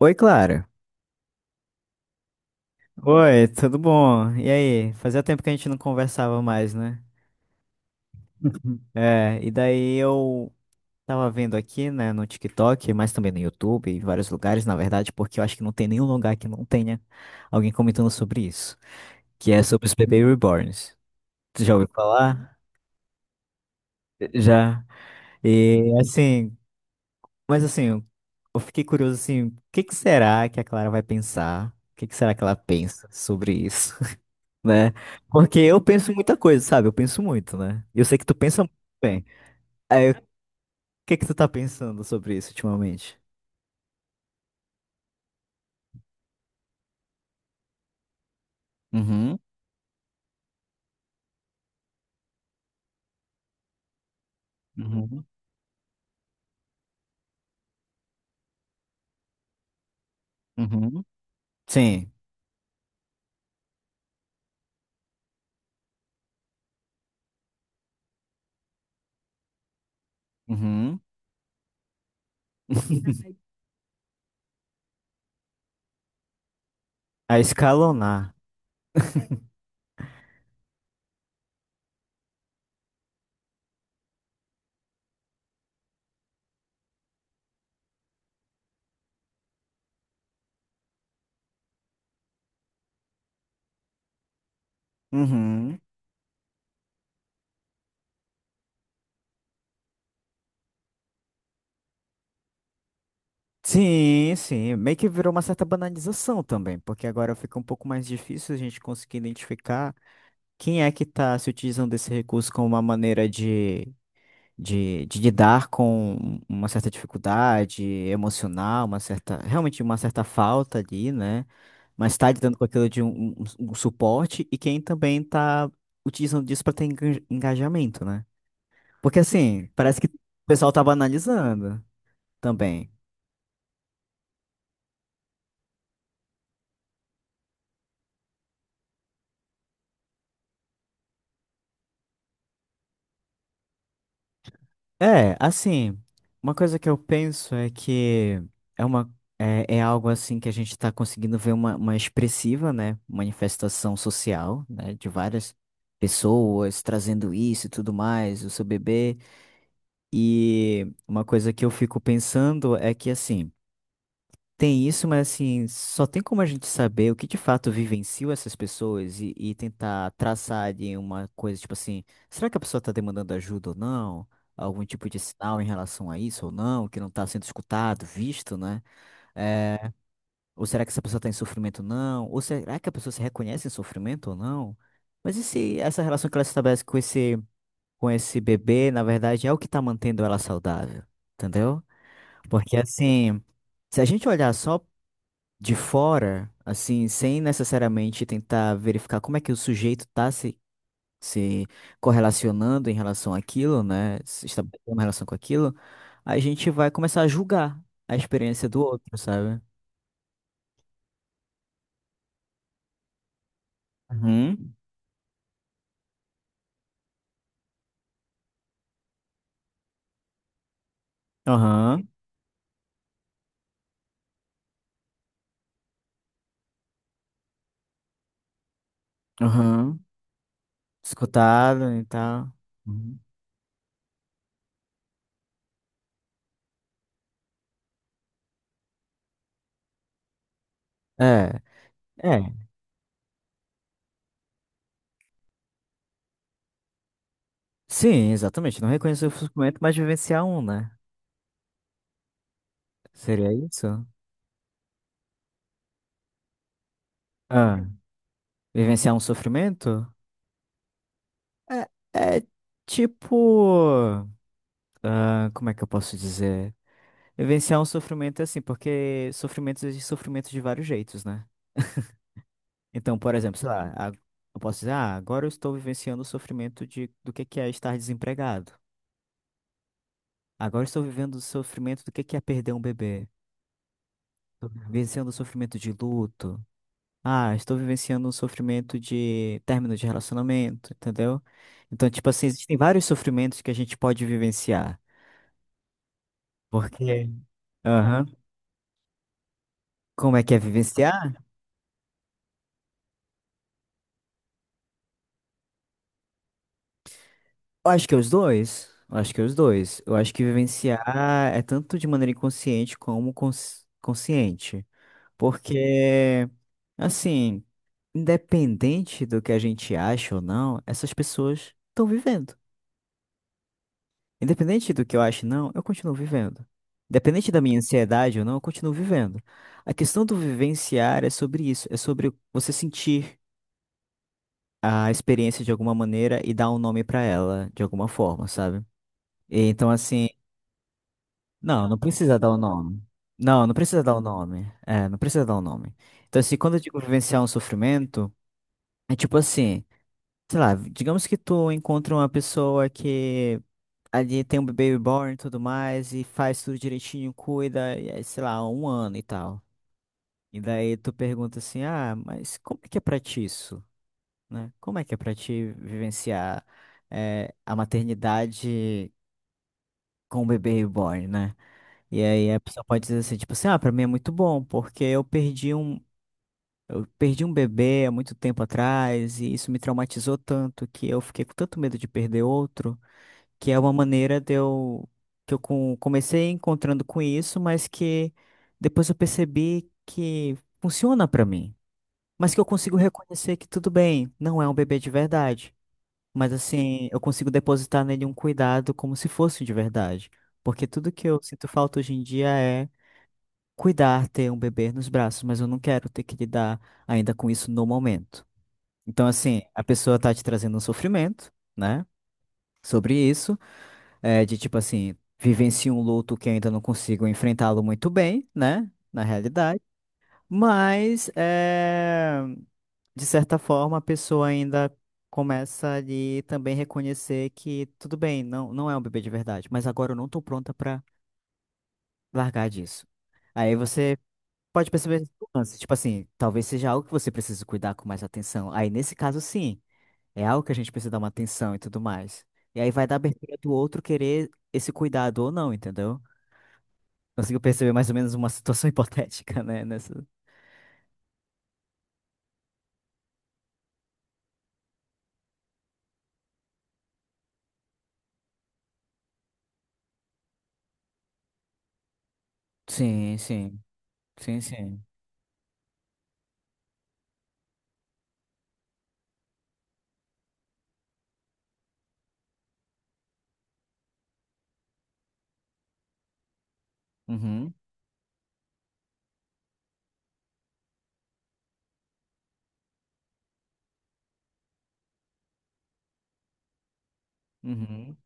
Oi, Clara. Oi, tudo bom? E aí? Fazia tempo que a gente não conversava mais, né? É, e daí eu tava vendo aqui, né, no TikTok, mas também no YouTube, em vários lugares, na verdade, porque eu acho que não tem nenhum lugar que não tenha alguém comentando sobre isso, que é sobre os bebês reborns. Tu já ouviu falar? Já. E assim, mas assim, eu fiquei curioso assim, o que que será que a Clara vai pensar? O que que será que ela pensa sobre isso? Né? Porque eu penso muita coisa, sabe? Eu penso muito, né? Eu sei que tu pensa muito bem. Aí, o que que tu tá pensando sobre isso ultimamente? Uhum, uhum, uhum. Sim. Uhum. A escalonar. Uhum. Sim, sim. Meio que virou uma certa banalização também, porque agora fica um pouco mais difícil a gente conseguir identificar quem é que está se utilizando desse recurso como uma maneira de de lidar com uma certa dificuldade emocional, uma certa, realmente uma certa falta ali, né? Mas está lidando com aquilo de um suporte e quem também está utilizando disso para ter engajamento, né? Porque assim, parece que o pessoal tá banalizando também. É, assim, uma coisa que eu penso é que é uma é, é algo assim que a gente está conseguindo ver uma expressiva, né, manifestação social, né, de várias pessoas trazendo isso e tudo mais, o seu bebê. E uma coisa que eu fico pensando é que assim tem isso, mas assim, só tem como a gente saber o que de fato vivenciou essas pessoas e tentar traçar de uma coisa, tipo assim, será que a pessoa está demandando ajuda ou não? Algum tipo de sinal em relação a isso ou não, que não está sendo escutado, visto, né? Eh, ou será que essa pessoa está em sofrimento ou não? Ou será que a pessoa se reconhece em sofrimento ou não? Mas e se essa relação que ela estabelece com esse bebê, na verdade, é o que está mantendo ela saudável, entendeu? Porque assim, se a gente olhar só de fora, assim, sem necessariamente tentar verificar como é que o sujeito está se, se correlacionando em relação àquilo, né? Se estabelecendo uma relação com aquilo, a gente vai começar a julgar a experiência do outro, sabe? Uhum. Aham. Aham. Escutado e tal. Uhum. É, é. Sim, exatamente. Não reconhecer o sofrimento, mas vivenciar um, né? Seria isso? Ah, vivenciar um sofrimento? É, é tipo. Ah, como é que eu posso dizer? Vivenciar um sofrimento é assim, porque sofrimentos existem sofrimentos de vários jeitos, né? Então, por exemplo, sei lá, eu posso dizer, ah, agora eu estou vivenciando o sofrimento de, do que é estar desempregado. Agora eu estou vivendo o sofrimento do que é perder um bebê. Estou vivenciando o sofrimento de luto. Ah, estou vivenciando o sofrimento de término de relacionamento, entendeu? Então, tipo assim, existem vários sofrimentos que a gente pode vivenciar. Porque, aham, como é que é vivenciar? Eu acho que é os dois. Eu acho que é os dois. Eu acho que vivenciar é tanto de maneira inconsciente como consciente. Porque, assim, independente do que a gente acha ou não, essas pessoas estão vivendo. Independente do que eu acho ou não, eu continuo vivendo. Independente da minha ansiedade ou não, eu continuo vivendo. A questão do vivenciar é sobre isso, é sobre você sentir a experiência de alguma maneira e dar um nome pra ela de alguma forma, sabe? E então, assim, não, não precisa dar o nome. Não, não precisa dar o nome. É, não precisa dar o nome. Então, assim, quando eu digo vivenciar um sofrimento, é tipo assim, sei lá, digamos que tu encontra uma pessoa que ali tem um bebê reborn e tudo mais, e faz tudo direitinho, cuida, e aí, sei lá, um ano e tal. E daí tu pergunta assim, ah, mas como é que é pra ti isso? Né? Como é que é pra ti vivenciar, a maternidade com o bebê reborn, né? E aí a pessoa pode dizer assim, tipo assim, ah, pra mim é muito bom, porque eu perdi um bebê há muito tempo atrás, e isso me traumatizou tanto que eu fiquei com tanto medo de perder outro, que é uma maneira de eu, que eu comecei encontrando com isso, mas que depois eu percebi que funciona pra mim. Mas que eu consigo reconhecer que tudo bem, não é um bebê de verdade. Mas assim, eu consigo depositar nele um cuidado como se fosse de verdade. Porque tudo que eu sinto falta hoje em dia é cuidar, ter um bebê nos braços, mas eu não quero ter que lidar ainda com isso no momento. Então, assim, a pessoa tá te trazendo um sofrimento, né? Sobre isso, é, de tipo assim, vivencio um luto que ainda não consigo enfrentá-lo muito bem, né? Na realidade. Mas, é, de certa forma, a pessoa ainda começa ali também reconhecer que tudo bem, não, não é um bebê de verdade, mas agora eu não tô pronta pra largar disso. Aí você pode perceber esse nuance. Tipo assim, talvez seja algo que você precise cuidar com mais atenção. Aí, nesse caso, sim, é algo que a gente precisa dar uma atenção e tudo mais. E aí vai da abertura do outro querer esse cuidado ou não, entendeu? Consigo perceber mais ou menos uma situação hipotética, né? Nessa. Sim, sim. Sim, sim. Uhum, uhum.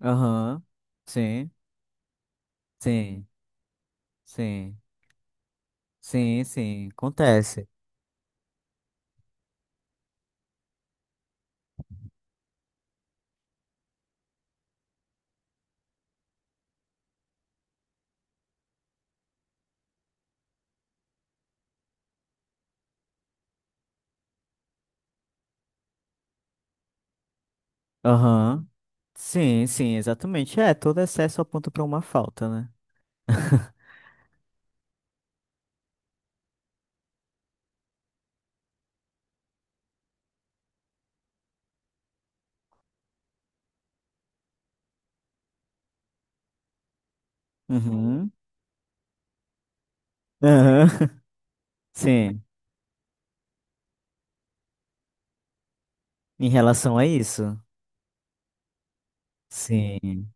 Aham. Sim, sim, sim. Sim, sim. Acontece. Aham. Sim, sim, exatamente. É, todo excesso aponta pra uma falta, né? Uhum. Aham. Sim, em relação a isso. Sim.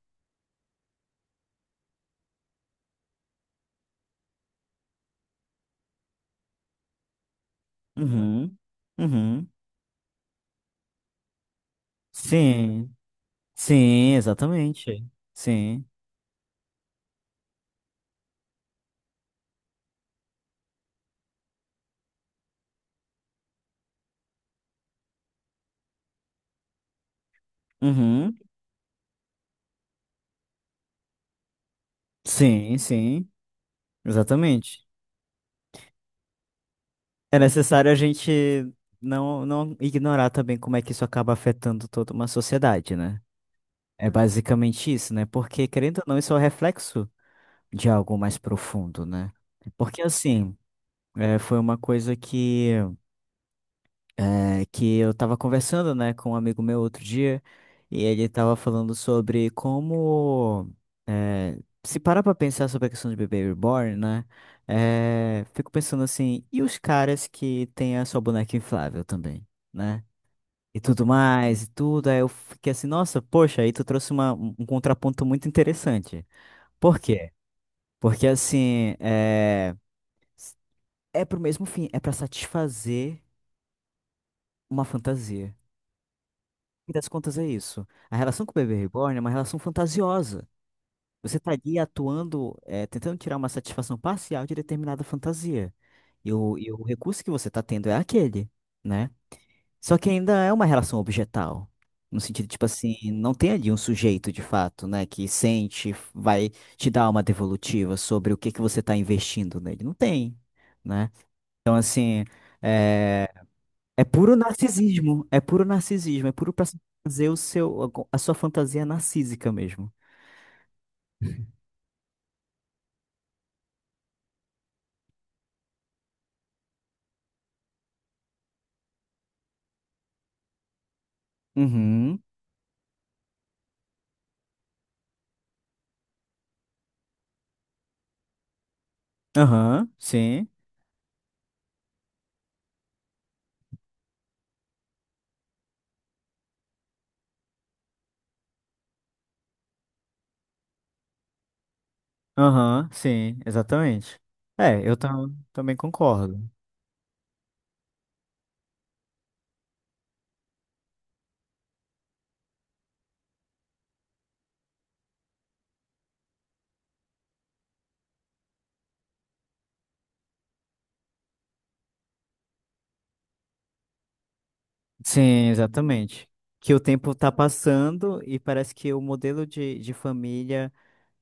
Uhum. Uhum. Sim. Sim, exatamente. Sim. Uhum. Sim, sim, exatamente. É necessário a gente não, não ignorar também como é que isso acaba afetando toda uma sociedade, né? É basicamente isso, né? Porque, querendo ou não, isso é o reflexo de algo mais profundo, né? Porque, assim, é, foi uma coisa que é, que eu tava conversando, né, com um amigo meu outro dia, e ele tava falando sobre como, é, se parar pra pensar sobre a questão de bebê reborn, né, é, fico pensando assim, e os caras que têm a sua boneca inflável também, né? E tudo mais, e tudo, aí eu fiquei assim, nossa, poxa, aí tu trouxe uma, um contraponto muito interessante. Por quê? Porque assim, é, é pro mesmo fim, é pra satisfazer uma fantasia. Fim das contas é isso. A relação com o bebê reborn é uma relação fantasiosa. Você está ali atuando, é, tentando tirar uma satisfação parcial de determinada fantasia. E o recurso que você está tendo é aquele, né? Só que ainda é uma relação objetal. No sentido, tipo assim, não tem ali um sujeito de fato, né, que sente, vai te dar uma devolutiva sobre o que que você está investindo nele. Não tem, né? Então, assim, eh, é puro narcisismo, é puro narcisismo, é puro pra fazer o seu, a sua fantasia narcísica mesmo. Uhum. Aham, sim. Aham, sim, exatamente. É, eu também concordo. Sim, exatamente. Que o tempo tá passando e parece que o modelo de família.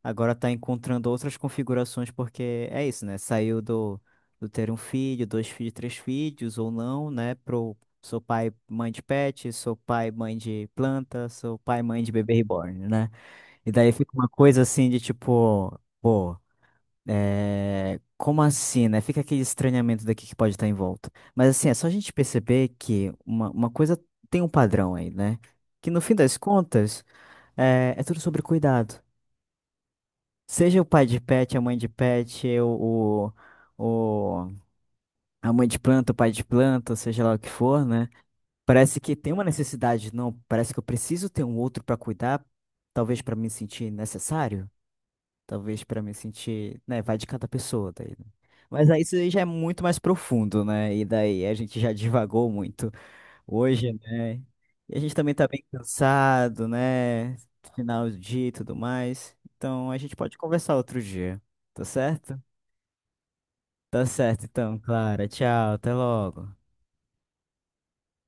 Agora tá encontrando outras configurações porque é isso, né? Saiu do, do ter um filho, dois filhos, três filhos ou não, né? Pro sou pai, mãe de pet, sou pai, mãe de planta, sou pai, mãe de bebê reborn, né? E daí fica uma coisa assim de tipo, pô, é, como assim, né? Fica aquele estranhamento daqui que pode estar em volta. Mas assim, é só a gente perceber que uma coisa tem um padrão aí, né? Que no fim das contas, é, é tudo sobre cuidado. Seja o pai de pet, a mãe de pet, o, o- a mãe de planta, o pai de planta, seja lá o que for, né? Parece que tem uma necessidade, não? Parece que eu preciso ter um outro pra cuidar, talvez pra me sentir necessário, talvez pra me sentir, né? Vai de cada pessoa daí, né? Mas aí isso aí já é muito mais profundo, né? E daí a gente já divagou muito hoje, né? E a gente também tá bem cansado, né? Final de dia e tudo mais. Então a gente pode conversar outro dia, tá certo? Tá certo, então, Clara. Tchau, até logo.